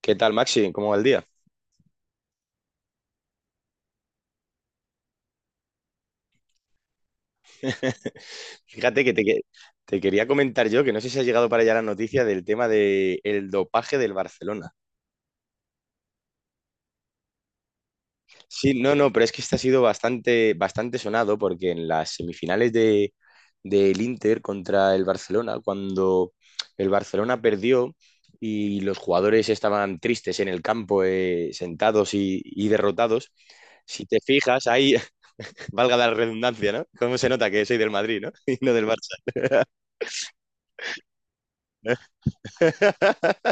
¿Qué tal, Maxi? ¿Cómo va el día? Fíjate que te quería comentar yo, que no sé si ha llegado para allá la noticia del tema del dopaje del Barcelona. Sí, no, no, pero es que este ha sido bastante, bastante sonado porque en las semifinales del Inter contra el Barcelona, cuando el Barcelona perdió y los jugadores estaban tristes en el campo, sentados y derrotados, si te fijas, ahí, valga la redundancia, ¿no? ¿Cómo se nota que soy del Madrid, ¿no? Y no del Barça.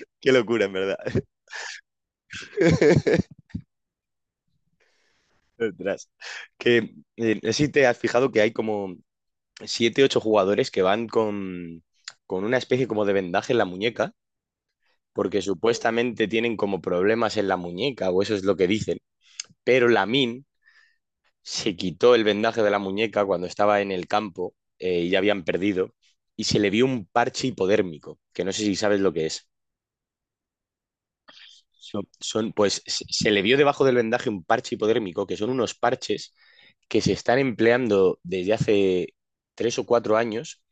Qué locura, en verdad. Ostras. Que, no sé si te has fijado que hay como siete, ocho jugadores que van con una especie como de vendaje en la muñeca, porque supuestamente tienen como problemas en la muñeca, o eso es lo que dicen. Pero Lamin se quitó el vendaje de la muñeca cuando estaba en el campo, y ya habían perdido, y se le vio un parche hipodérmico, que no sé si sabes lo que es. Pues se le vio debajo del vendaje un parche hipodérmico, que son unos parches que se están empleando desde hace 3 o 4 años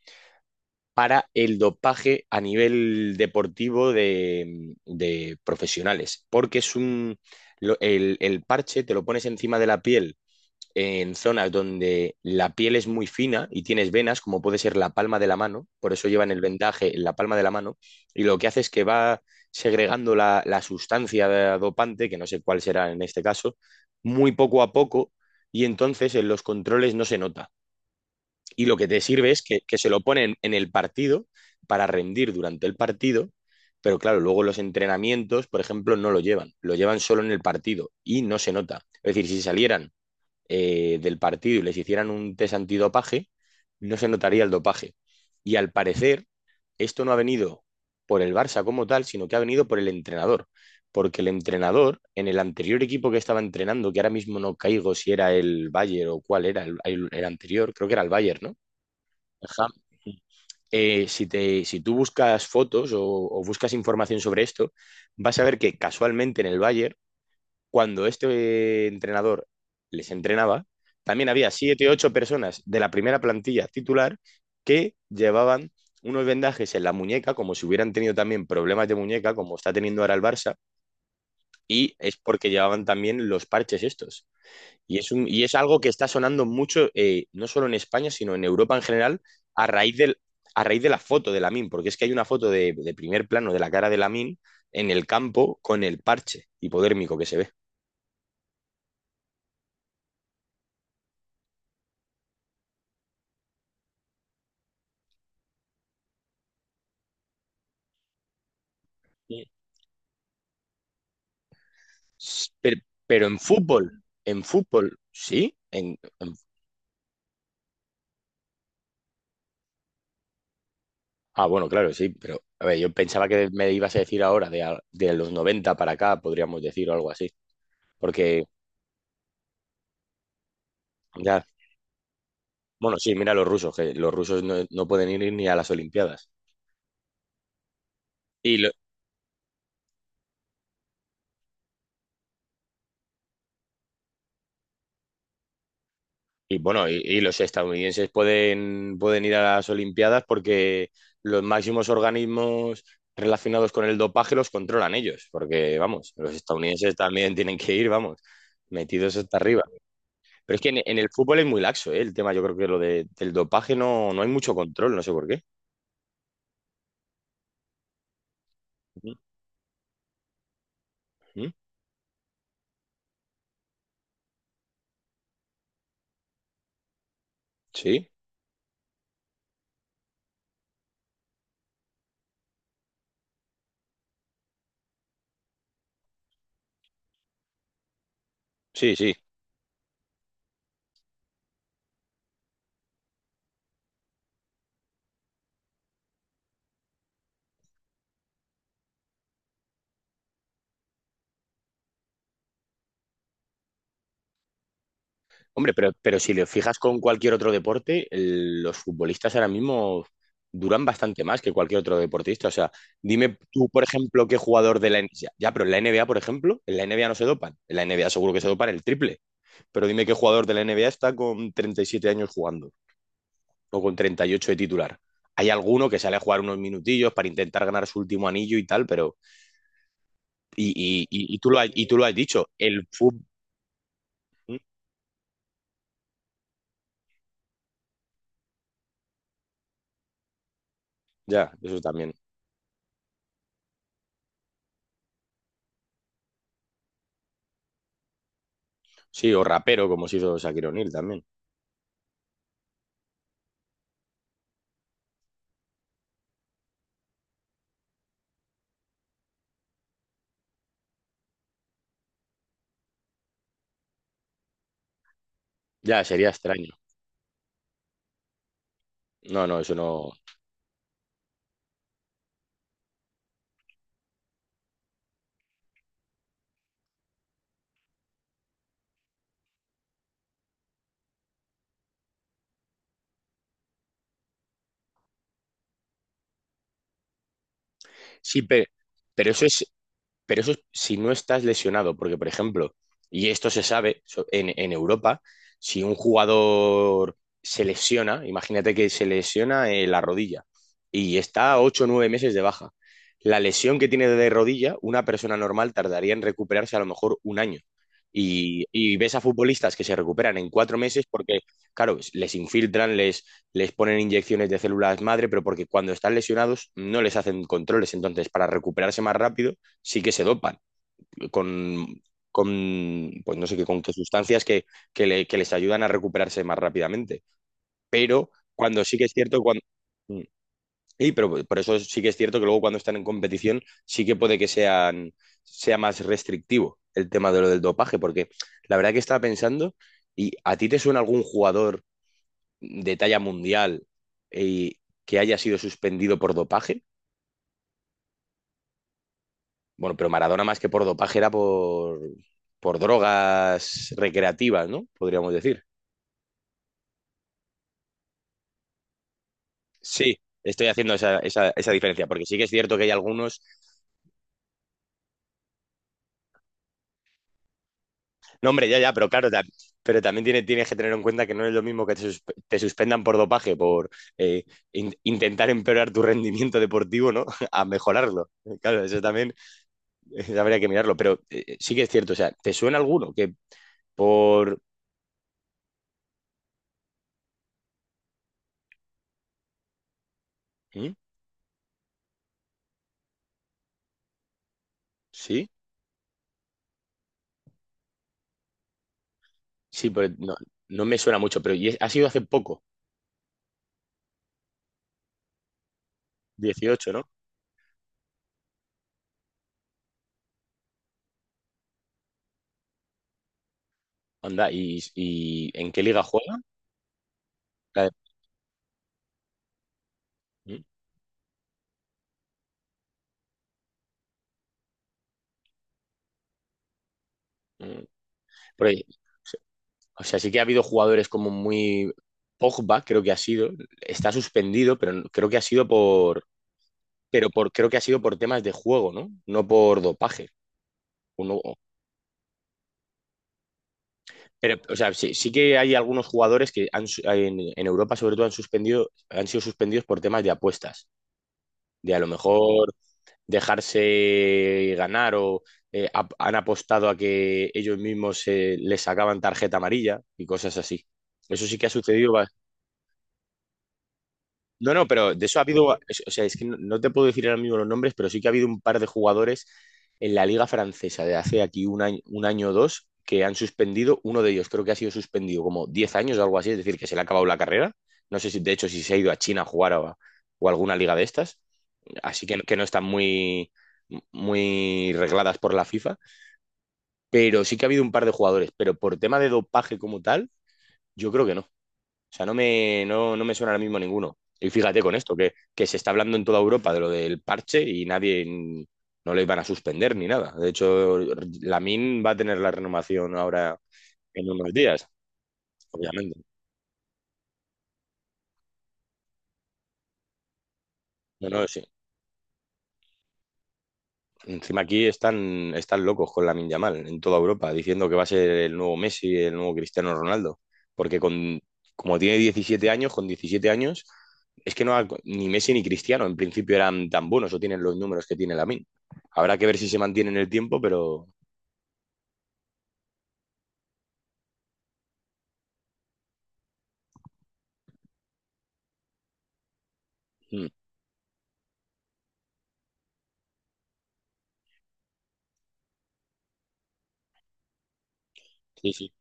para el dopaje a nivel deportivo de profesionales, porque es un, lo- el parche te lo pones encima de la piel en zonas donde la piel es muy fina y tienes venas, como puede ser la palma de la mano, por eso llevan el vendaje en la palma de la mano, y lo que hace es que va segregando la sustancia dopante, que no sé cuál será en este caso, muy poco a poco, y entonces en los controles no se nota. Y lo que te sirve es que se lo ponen en el partido para rendir durante el partido, pero claro, luego los entrenamientos, por ejemplo, no lo llevan, lo llevan solo en el partido y no se nota. Es decir, si salieran, del partido y les hicieran un test antidopaje, no se notaría el dopaje. Y al parecer, esto no ha venido por el Barça como tal, sino que ha venido por el entrenador. Porque el entrenador, en el anterior equipo que estaba entrenando, que ahora mismo no caigo si era el Bayern o cuál era el anterior, creo que era el Bayern, ¿no? El Ham. Si te, si tú buscas fotos o buscas información sobre esto, vas a ver que casualmente en el Bayern cuando este entrenador les entrenaba, también había siete, ocho personas de la primera plantilla titular que llevaban unos vendajes en la muñeca, como si hubieran tenido también problemas de muñeca, como está teniendo ahora el Barça, y es porque llevaban también los parches estos. Y es, un, y es algo que está sonando mucho, no solo en España, sino en Europa en general, a raíz, del, a raíz de la foto de Lamin, porque es que hay una foto de primer plano de la cara de Lamin en el campo con el parche hipodérmico que se ve. Sí. Pero, pero en fútbol, sí. Ah, bueno, claro, sí, pero a ver, yo pensaba que me ibas a decir ahora, de los 90 para acá, podríamos decir, o algo así. Porque, ya, bueno, sí, mira los rusos, que los rusos no pueden ir ni a las Olimpiadas. Y, lo- y bueno, y los estadounidenses pueden ir a las Olimpiadas porque los máximos organismos relacionados con el dopaje los controlan ellos, porque, vamos, los estadounidenses también tienen que ir, vamos, metidos hasta arriba. Pero es que en el fútbol es muy laxo, ¿eh? El tema, yo creo que del dopaje no hay mucho control, no sé por qué. Ujú, ujú. Sí, sí, sí. Hombre, pero si lo fijas con cualquier otro deporte, los futbolistas ahora mismo duran bastante más que cualquier otro deportista. O sea, dime tú, por ejemplo, qué jugador de la NBA. Ya, ya, pero en la NBA, por ejemplo, en la NBA no se dopan. En la NBA seguro que se dopan el triple. Pero dime qué jugador de la NBA está con 37 años jugando, o con 38 de titular. Hay alguno que sale a jugar unos minutillos para intentar ganar su último anillo y tal, pero. Y tú lo has dicho, el fútbol. Ya, eso también. Sí, o rapero, como se hizo Shakira O'Neal también. Ya, sería extraño. No, no, eso no. Sí, pero eso es pero eso es si no estás lesionado, porque, por ejemplo, y esto se sabe, en Europa, si un jugador se lesiona, imagínate que se lesiona, la rodilla, y está ocho o 9 meses de baja. La lesión que tiene de rodilla, una persona normal tardaría en recuperarse a lo mejor un año. Y ves a futbolistas que se recuperan en 4 meses porque, claro, les infiltran, les ponen inyecciones de células madre, pero porque cuando están lesionados no les hacen controles. Entonces, para recuperarse más rápido, sí que se dopan con, pues no sé qué, con qué sustancias que, que les ayudan a recuperarse más rápidamente. Pero cuando sí que es cierto, cuando... Y, pero por eso sí que es cierto que luego cuando están en competición sí que puede que sea más restrictivo el tema de lo del dopaje, porque la verdad que estaba pensando, ¿y a ti te suena algún jugador de talla mundial, eh, que haya sido suspendido por dopaje? Bueno, pero Maradona más que por dopaje era por drogas recreativas, ¿no? Podríamos decir. Sí, estoy haciendo esa, esa diferencia, porque sí que es cierto que hay algunos... No, hombre, ya, ya, pero claro, pero también tienes que tener en cuenta que no es lo mismo que te, te suspendan por dopaje, por eh, intentar empeorar tu rendimiento deportivo, ¿no? A mejorarlo. Claro, eso también. Eso habría que mirarlo, pero sí que es cierto. O sea, ¿te suena alguno que por...? ¿Mm? ¿Sí? Sí, pero no, no me suena mucho, pero ¿y ha sido hace poco? Dieciocho, ¿no? Anda, y en qué liga juega? La de- mm, mm, por ahí. O sea, sí que ha habido jugadores como muy... Pogba, creo que ha sido, está suspendido, pero creo que ha sido por... Pero por, creo que ha sido por temas de juego, ¿no? No por dopaje. O no- o- Pero, o sea, sí, sí que hay algunos jugadores que han, en Europa, sobre todo, han suspendido, han sido suspendidos por temas de apuestas. De a lo mejor dejarse ganar o, han apostado a que ellos mismos, les sacaban tarjeta amarilla y cosas así. Eso sí que ha sucedido. No, no, pero de eso ha habido, o sea, es que no, te puedo decir ahora mismo los nombres, pero sí que ha habido un par de jugadores en la liga francesa de hace aquí un año o dos que han suspendido, uno de ellos creo que ha sido suspendido como 10 años o algo así, es decir, que se le ha acabado la carrera. No sé si, de hecho, si se ha ido a China a jugar, o, o a alguna liga de estas, así que no, que no están muy, muy regladas por la FIFA, pero sí que ha habido un par de jugadores, pero por tema de dopaje como tal, yo creo que no. O sea, no me, no me suena ahora mismo ninguno. Y fíjate con esto, que se está hablando en toda Europa de lo del parche y nadie, no le iban a suspender ni nada. De hecho, Lamin va a tener la renovación ahora en unos días, obviamente. No, no, sí. Encima aquí están, están locos con Lamin Yamal en toda Europa, diciendo que va a ser el nuevo Messi, el nuevo Cristiano Ronaldo. Porque con, como tiene 17 años, con 17 años, es que ni Messi ni Cristiano en principio eran tan buenos o tienen los números que tiene Lamin. Habrá que ver si se mantiene en el tiempo, pero, mm, sí, sí,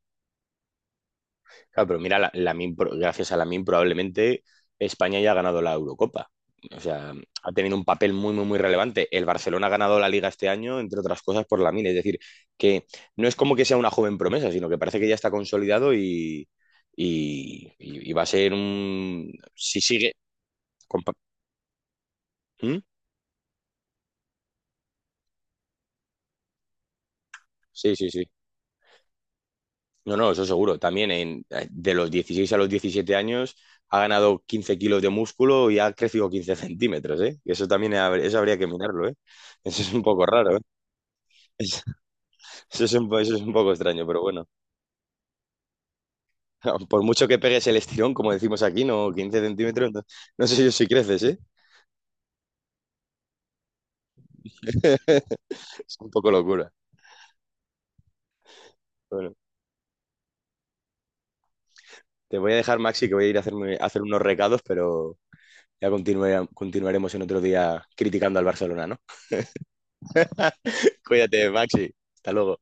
claro, pero mira, la, gracias a Lamin probablemente España ya ha ganado la Eurocopa. O sea, ha tenido un papel muy, muy, muy relevante. El Barcelona ha ganado la Liga este año, entre otras cosas, por Lamin. Es decir, que no es como que sea una joven promesa, sino que parece que ya está consolidado y, y va a ser un... Si sigue... compa- ¿Mm? Sí, sí, sí. No, no, eso seguro. También en, de los 16 a los 17 años ha ganado 15 kilos de músculo y ha crecido 15 centímetros, ¿eh? Y eso también, eso habría que mirarlo, ¿eh? Eso es un poco raro, ¿eh? Eso, eso es un, eso es un poco extraño, pero bueno. Por mucho que pegues el estirón, como decimos aquí, no, 15 centímetros, no, no sé yo si creces, ¿eh? Es un poco locura. Bueno, te voy a dejar, Maxi, que voy a ir a, hacerme, a hacer unos recados, pero ya continuaremos en otro día criticando al Barcelona, ¿no? Cuídate, Maxi. Hasta luego.